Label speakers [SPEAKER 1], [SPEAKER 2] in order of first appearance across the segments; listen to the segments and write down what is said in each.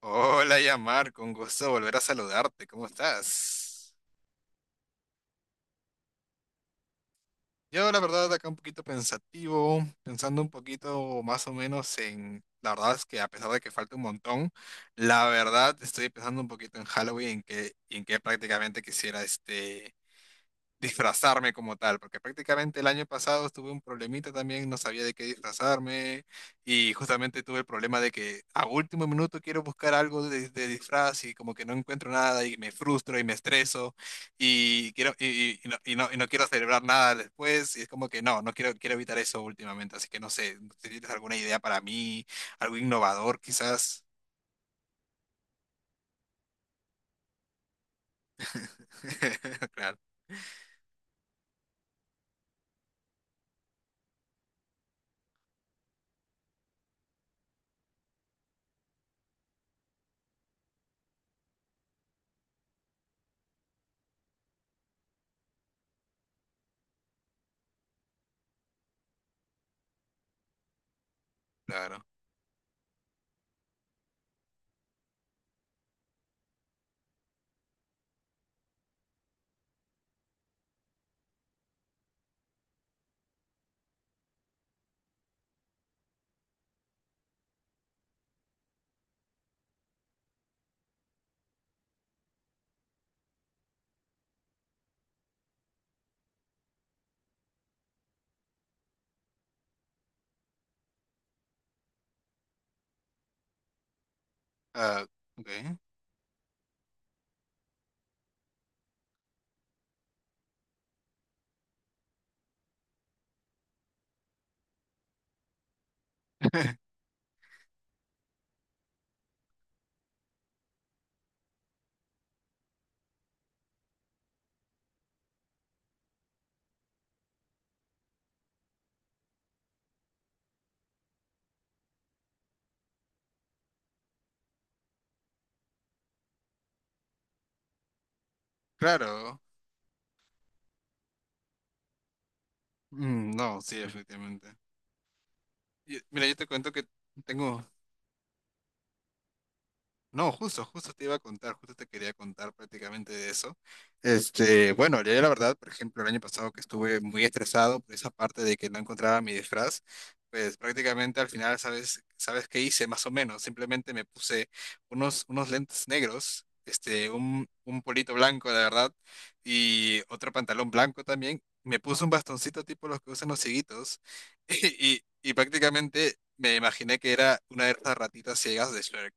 [SPEAKER 1] Hola, Yamar, con gusto de volver a saludarte. ¿Cómo estás? Yo, la verdad, acá un poquito pensativo, pensando un poquito más o menos en... La verdad es que a pesar de que falta un montón, la verdad estoy pensando un poquito en Halloween, en que prácticamente quisiera disfrazarme como tal, porque prácticamente el año pasado tuve un problemita también, no sabía de qué disfrazarme y justamente tuve el problema de que a último minuto quiero buscar algo de disfraz y como que no encuentro nada y me frustro y me estreso y quiero y no, y no quiero celebrar nada después y es como que no, no quiero evitar eso últimamente, así que no sé, si tienes alguna idea para mí, algo innovador quizás. Claro, claro. Ah, ok. Claro. Mm, no, sí, efectivamente. Yo- mira, yo te cuento que tengo, no, justo justo te iba a contar, justo te quería contar prácticamente de eso. Bueno, yo la verdad, por ejemplo, el año pasado que estuve muy estresado por esa parte de que no encontraba mi disfraz, pues prácticamente al final, ¿sabes, sabes qué hice? Más o menos, simplemente me puse unos, unos lentes negros, este, un polito blanco, la verdad, y otro pantalón blanco también. Me puse un bastoncito tipo los que usan los cieguitos y prácticamente me imaginé que era una de esas ratitas ciegas de Shrek.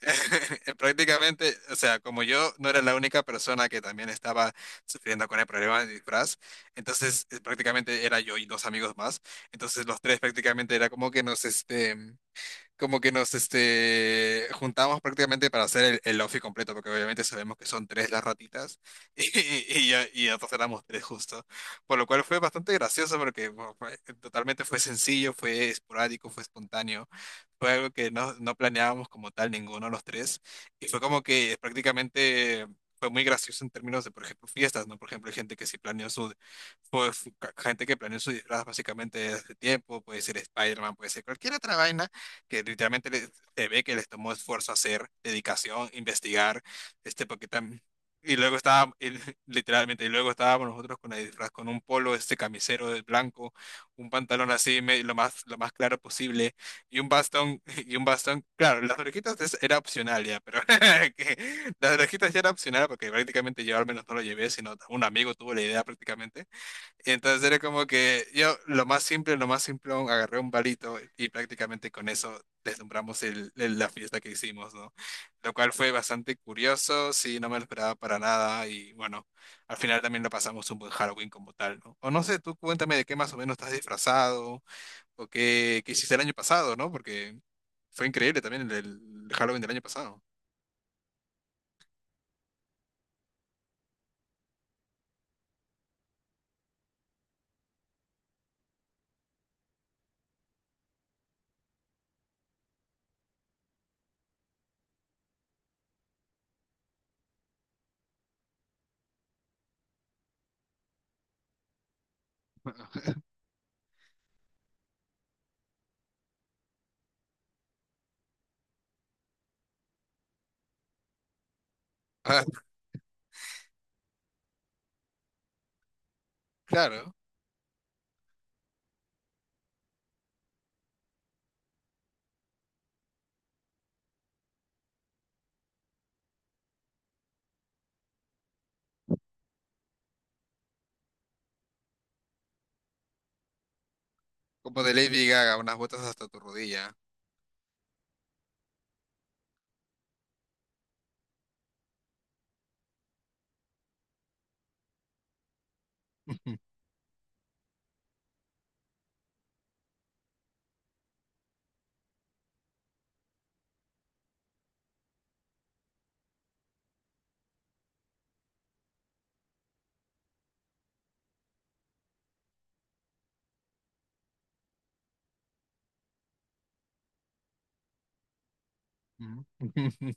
[SPEAKER 1] Prácticamente, o sea, como yo no era la única persona que también estaba sufriendo con el problema del disfraz, entonces prácticamente era yo y dos amigos más, entonces los tres prácticamente era como que nos, este, como que nos este, juntamos prácticamente para hacer el outfit completo, porque obviamente sabemos que son tres las ratitas y, y nosotros éramos tres justo. Por lo cual fue bastante gracioso porque bueno, fue- totalmente fue sencillo, fue esporádico, fue espontáneo, fue algo que no, no planeábamos como tal ninguno de los tres y fue como que prácticamente... Fue muy gracioso en términos de, por ejemplo, fiestas, ¿no? Por ejemplo, hay gente que sí planeó su, pues ca- gente que planeó su disfraz básicamente desde hace tiempo, puede ser Spider-Man, puede ser cualquier otra vaina, que literalmente les- se ve que les tomó esfuerzo hacer, dedicación, investigar, este, porque tam- y luego estaba, y- li- literalmente, y luego estábamos nosotros con el disfraz, con un polo, este camisero de blanco, un pantalón así, me- lo más claro posible, y un bastón, y un bastón, claro, las orejitas es- era opcional ya, pero que las orejitas ya era opcional porque prácticamente yo al menos no lo llevé, sino un amigo tuvo la idea prácticamente. Y entonces era como que yo, lo más simple, lo más simplón, agarré un palito y prácticamente con eso deslumbramos el- la fiesta que hicimos, ¿no? Lo cual fue bastante curioso, sí, no me lo esperaba para nada y bueno, al final también lo pasamos un buen Halloween como tal, ¿no? O no sé, tú cuéntame de qué más o menos estás disfrazado o qué, qué hiciste el año pasado, ¿no? Porque fue increíble también el Halloween del año pasado. Ah, claro, como de Lady Gaga, unas botas hasta tu rodilla.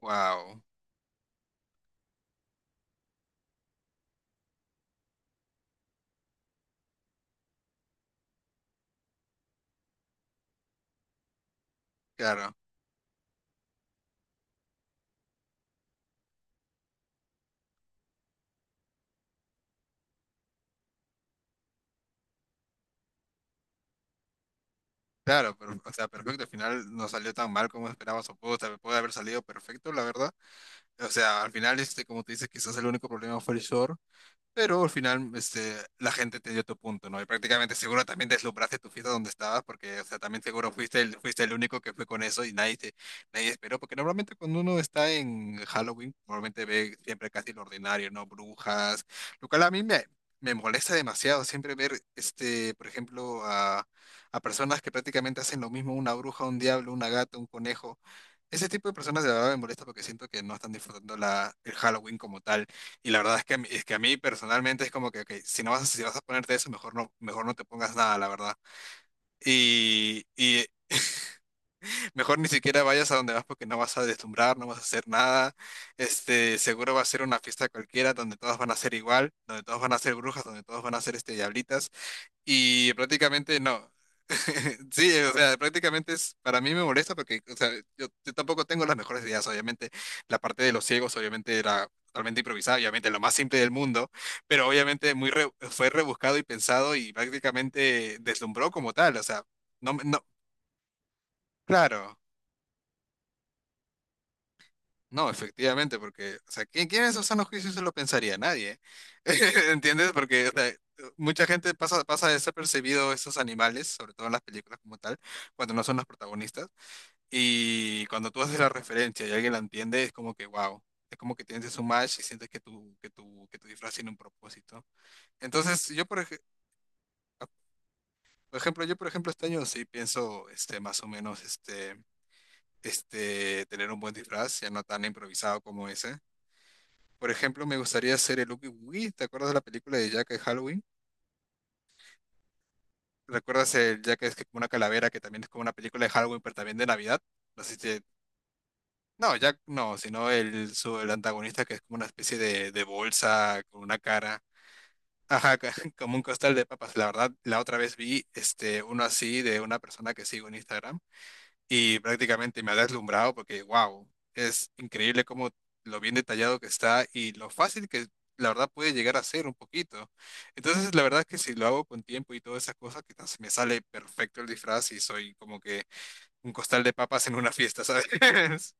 [SPEAKER 1] Wow, claro. Claro, pero, o sea, perfecto, al final no salió tan mal como esperabas o pudo, o sea, puede haber salido perfecto, la verdad. O sea, al final, este, como te dices, quizás el único problema fue el short. Pero al final, este, la gente te dio tu punto, ¿no? Y prácticamente seguro también deslumbraste tu fiesta donde estabas, porque, o sea, también seguro fuiste el único que fue con eso y nadie te, nadie esperó, porque normalmente cuando uno está en Halloween, normalmente ve siempre casi lo ordinario, ¿no? Brujas, lo cual a mí me, me molesta demasiado siempre ver, este, por ejemplo, a personas que prácticamente hacen lo mismo, una bruja, un diablo, una gata, un conejo. Ese tipo de personas de verdad me molesta porque siento que no están disfrutando el Halloween como tal. Y la verdad es que, a mí- es que a mí personalmente es como que, ok, si no vas, a- si vas a ponerte eso, mejor no te pongas nada, la verdad. Y mejor ni siquiera vayas a donde vas porque no vas a deslumbrar, no vas a hacer nada. Este, seguro va a ser una fiesta cualquiera donde todas van a ser igual, donde todas van a ser brujas, donde todas van a ser este, diablitas. Y prácticamente no. Sí, o sea, prácticamente es, para mí me molesta porque, o sea, yo tampoco tengo las mejores ideas, obviamente. La parte de los ciegos, obviamente, era totalmente improvisada, obviamente, lo más simple del mundo, pero obviamente muy re- fue rebuscado y pensado y prácticamente deslumbró como tal, o sea, no, me- no, claro. No, efectivamente, porque, o sea, ¿quién, quién en su sano juicio se lo pensaría? Nadie. ¿Entiendes? Porque o sea, mucha gente pasa, pasa desapercibido estos animales, sobre todo en las películas como tal, cuando no son los protagonistas. Y cuando tú haces la referencia y alguien la entiende, es como que, wow. Es como que tienes un match y sientes que tu, que tu disfraz tiene un propósito. Entonces, yo, por, ej- ah, por ejemplo, yo, por ejemplo, este año sí pienso, este, más o menos, este, tener un buen disfraz, ya no tan improvisado como ese. Por ejemplo, me gustaría hacer el Oogie Woogie. ¿Te acuerdas de la película de Jack de Halloween? ¿Recuerdas el Jack es que como una calavera que también es como una película de Halloween, pero también de Navidad? No sé si te- No, Jack no, sino el, su, el antagonista que es como una especie de bolsa con una cara. Ajá, ca- como un costal de papas. La verdad, la otra vez vi este, uno así de una persona que sigo en Instagram y prácticamente me ha deslumbrado porque, wow, es increíble cómo lo bien detallado que está y lo fácil que la verdad puede llegar a ser un poquito. Entonces, la verdad es que si lo hago con tiempo y todas esas cosas, quizás me sale perfecto el disfraz y soy como que un costal de papas en una fiesta, ¿sabes?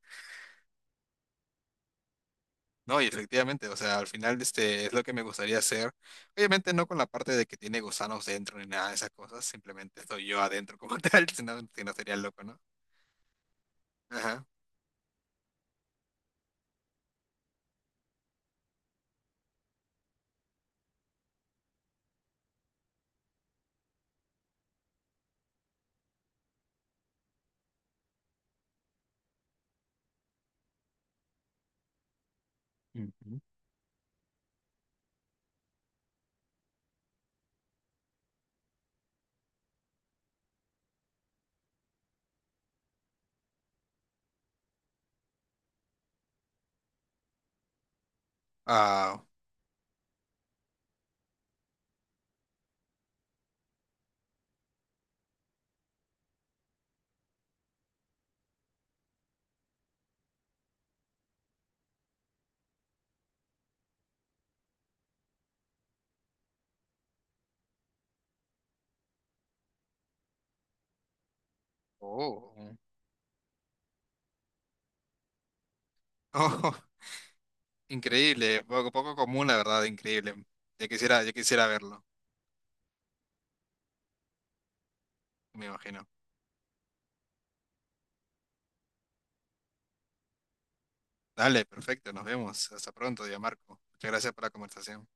[SPEAKER 1] No, y efectivamente, o sea, al final este es lo que me gustaría hacer. Obviamente no con la parte de que tiene gusanos dentro ni nada de esas cosas, simplemente estoy yo adentro como tal, si no, si no sería loco, ¿no? Ajá. Ujú. Ah, oh. Oh, increíble, poco, poco común, la verdad, increíble. Ya quisiera verlo, me imagino. Dale, perfecto, nos vemos. Hasta pronto, Marco. Muchas gracias por la conversación.